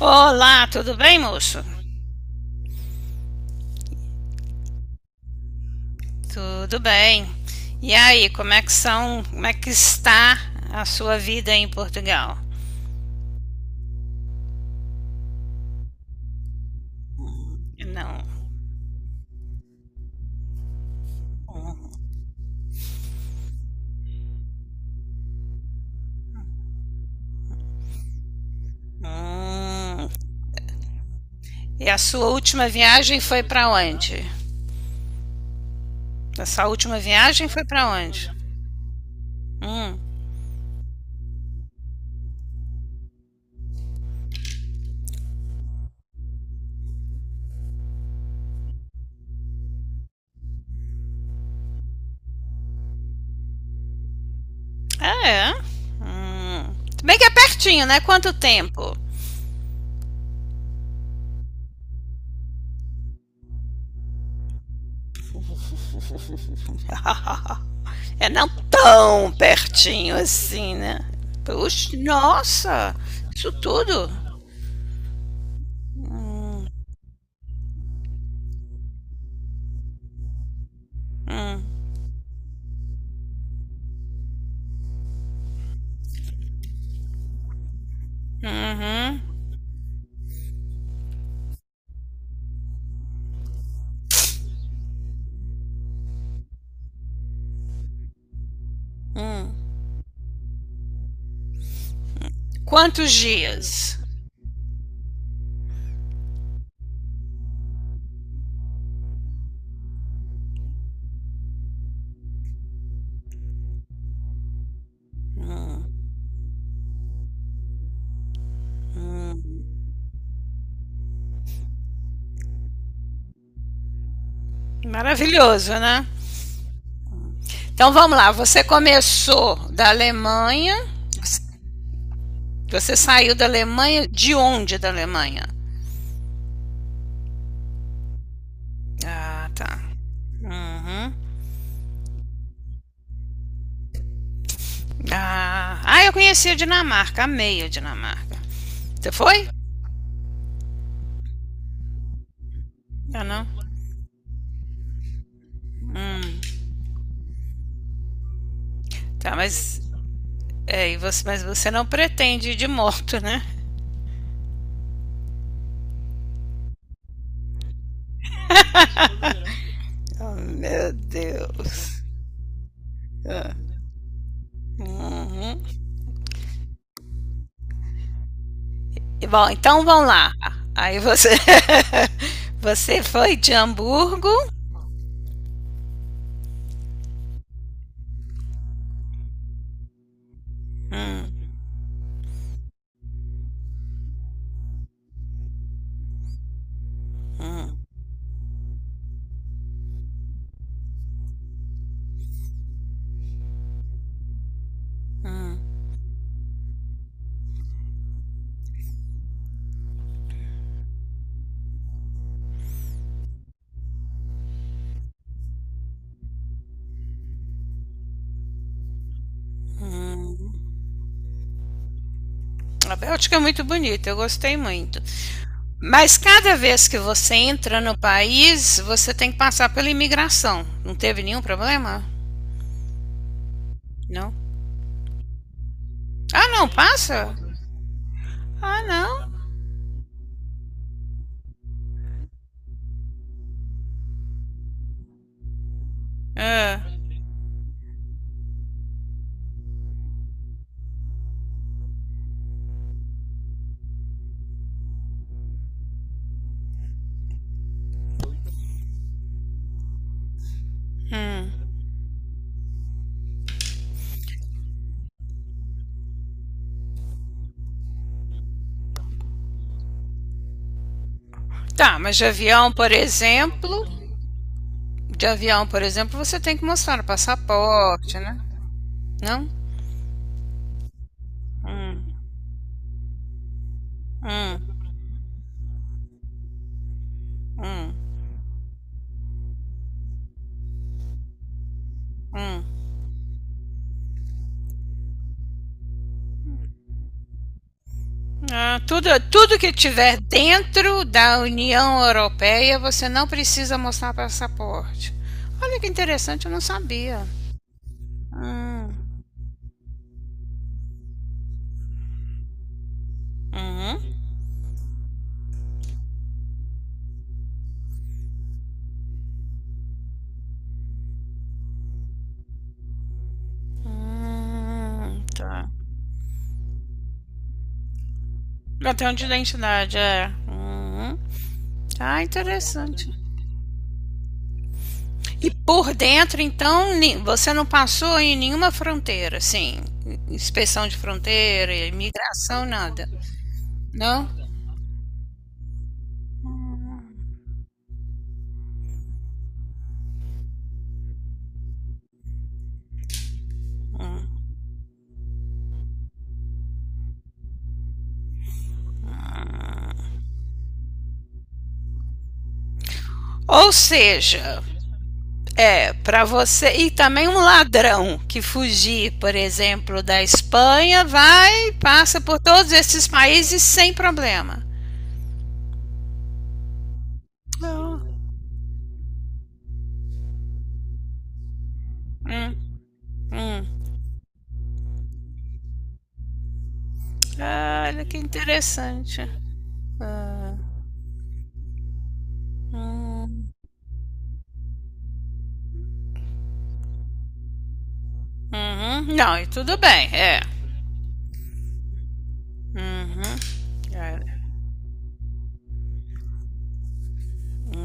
Olá, tudo bem, moço? Tudo bem. E aí, como é que são, como é que está a sua vida em Portugal? Não. Hum. E a sua última viagem foi para onde? Essa última viagem foi para onde? Hum. Ah, é? Hum. Se bem que é pertinho, né? Quanto tempo? É, não tão pertinho assim, né? Puxa, nossa, isso tudo. Hum, uhum, hum. Quantos dias? Maravilhoso, né? Então vamos lá. Você começou da Alemanha. Você saiu da Alemanha. De onde da Alemanha? Ah, tá. Uhum. Ah, ah, eu conheci a Dinamarca. Amei a Dinamarca. Você foi? Ah, não. Hum, tá, mas. É, e você, mas você não pretende ir de moto, né? Oh, meu Deus. Ah. Uhum. E bom, então vamos lá. Aí você você foi de Hamburgo. Hum, hum, hum, hum. A Bélgica é muito bonita, eu gostei muito. Mas cada vez que você entra no país, você tem que passar pela imigração. Não teve nenhum problema? Não. Ah, não, passa? Ah, não. É, hum. Tá, mas de avião, por exemplo, de avião, por exemplo, você tem que mostrar o passaporte, né? Não? Hum, hum, hum. Hum. Ah, tudo, tudo que tiver dentro da União Europeia, você não precisa mostrar passaporte. Olha que interessante, eu não sabia. Hum, uhum. Tá. Cartão de identidade, é. Uhum. Ah, interessante. E por dentro, então, você não passou em nenhuma fronteira, sim, inspeção de fronteira, imigração, nada, não? Ou seja, é, para você. E também um ladrão que fugir, por exemplo, da Espanha, vai, passa por todos esses países sem problema. Não. Hum, hum. Olha que interessante. Ah, hum, uhum. Não, e tudo bem, é. Uhum. Olha,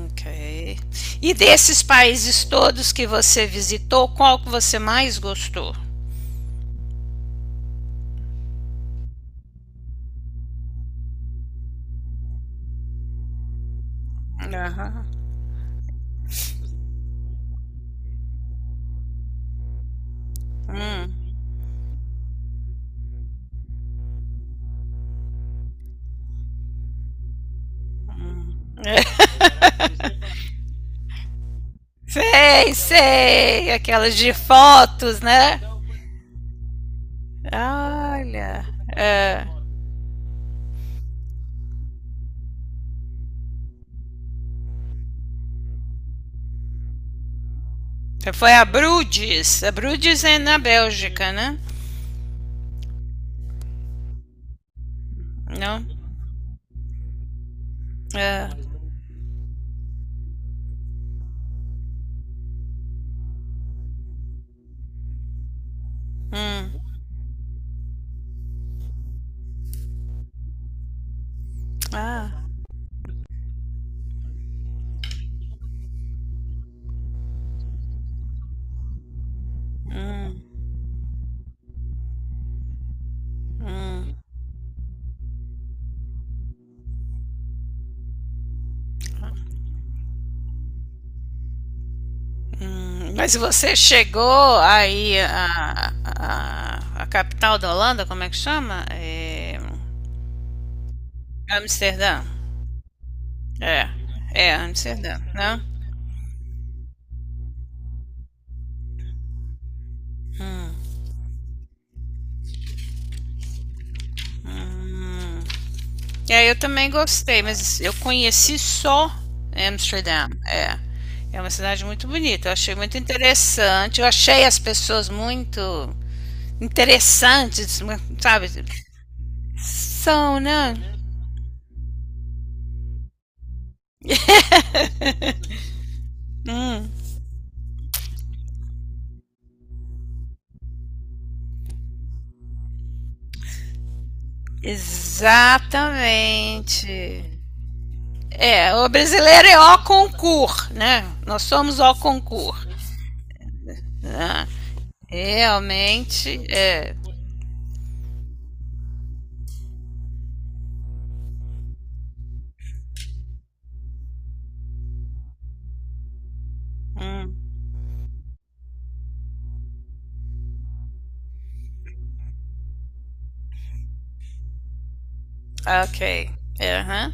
ok. E desses países todos que você visitou, qual que você mais gostou? Aham. Hum. É. Sei, sei. Aquelas de fotos, né? Olha. É. Foi a Bruges. A Brudes é na Bélgica, né? Não? É. Hum. Ah. Hum. Hum. Hum. Mas você chegou aí a capital da Holanda, como é que chama? É... Amsterdã. É. É, Amsterdã, né? É, eu também gostei, mas eu conheci só Amsterdã. É, é uma cidade muito bonita. Eu achei muito interessante. Eu achei as pessoas muito interessantes, mu- sabe? São, né? Hum, exatamente. É, o brasileiro é o concur, né? Nós somos o concur, né? Realmente, é. Hum, ok. É, aham.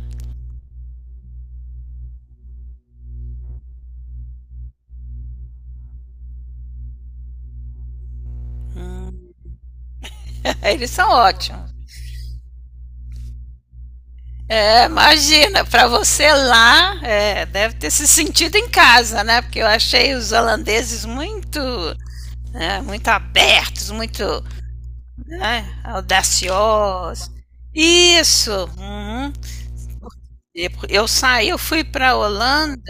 Hum. Eles são ótimos. É, imagina, para você lá, é, deve ter se sentido em casa, né? Porque eu achei os holandeses muito, né, muito abertos, muito, né, audaciosos. Isso. Uhum. E eu saí, eu fui para Holanda,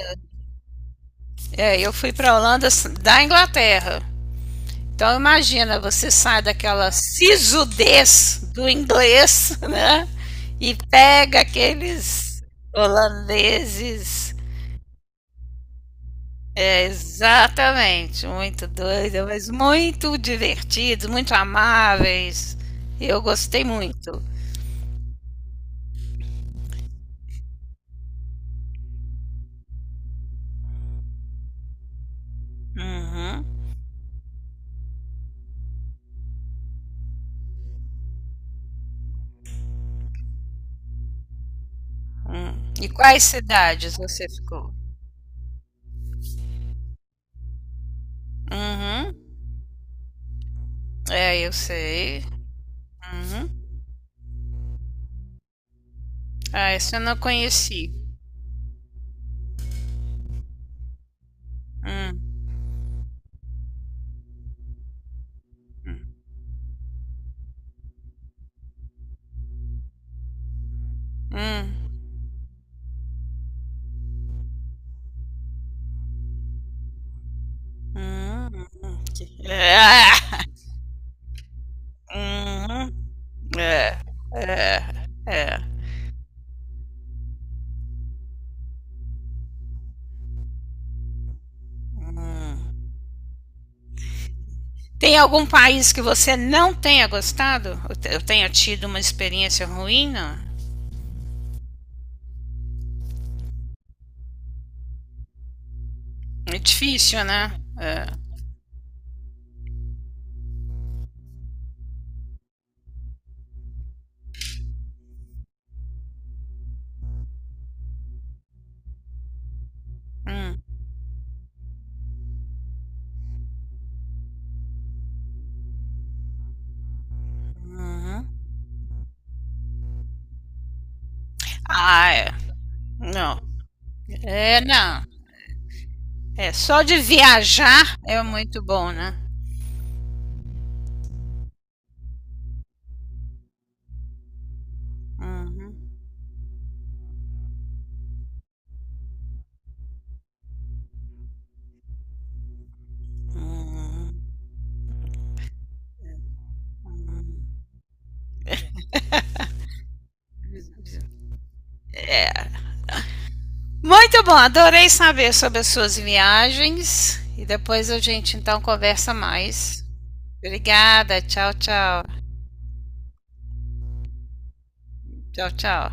é, eu fui para Holanda da Inglaterra. Então imagina, você sai daquela sisudez do inglês, né? E pega aqueles holandeses. É, exatamente, muito doida, mas muito divertidos, muito amáveis. Eu gostei muito. Uhum. E quais cidades você ficou? Uhum. É, eu sei. Uhum. Ah, essa eu não conheci. Hum, hum, Que- Ah! Uhum. É, é, é. Tem algum país que você não tenha gostado? Eu tenha tido uma experiência ruim? Não? É difícil, né? É. Uhum. Ah, é. Não. É, não. É, só de viajar é muito bom, né? Uhum. Uhum. Muito bom, adorei saber sobre as suas viagens. E depois a gente então conversa mais. Obrigada, tchau, tchau. Tchau, tchau.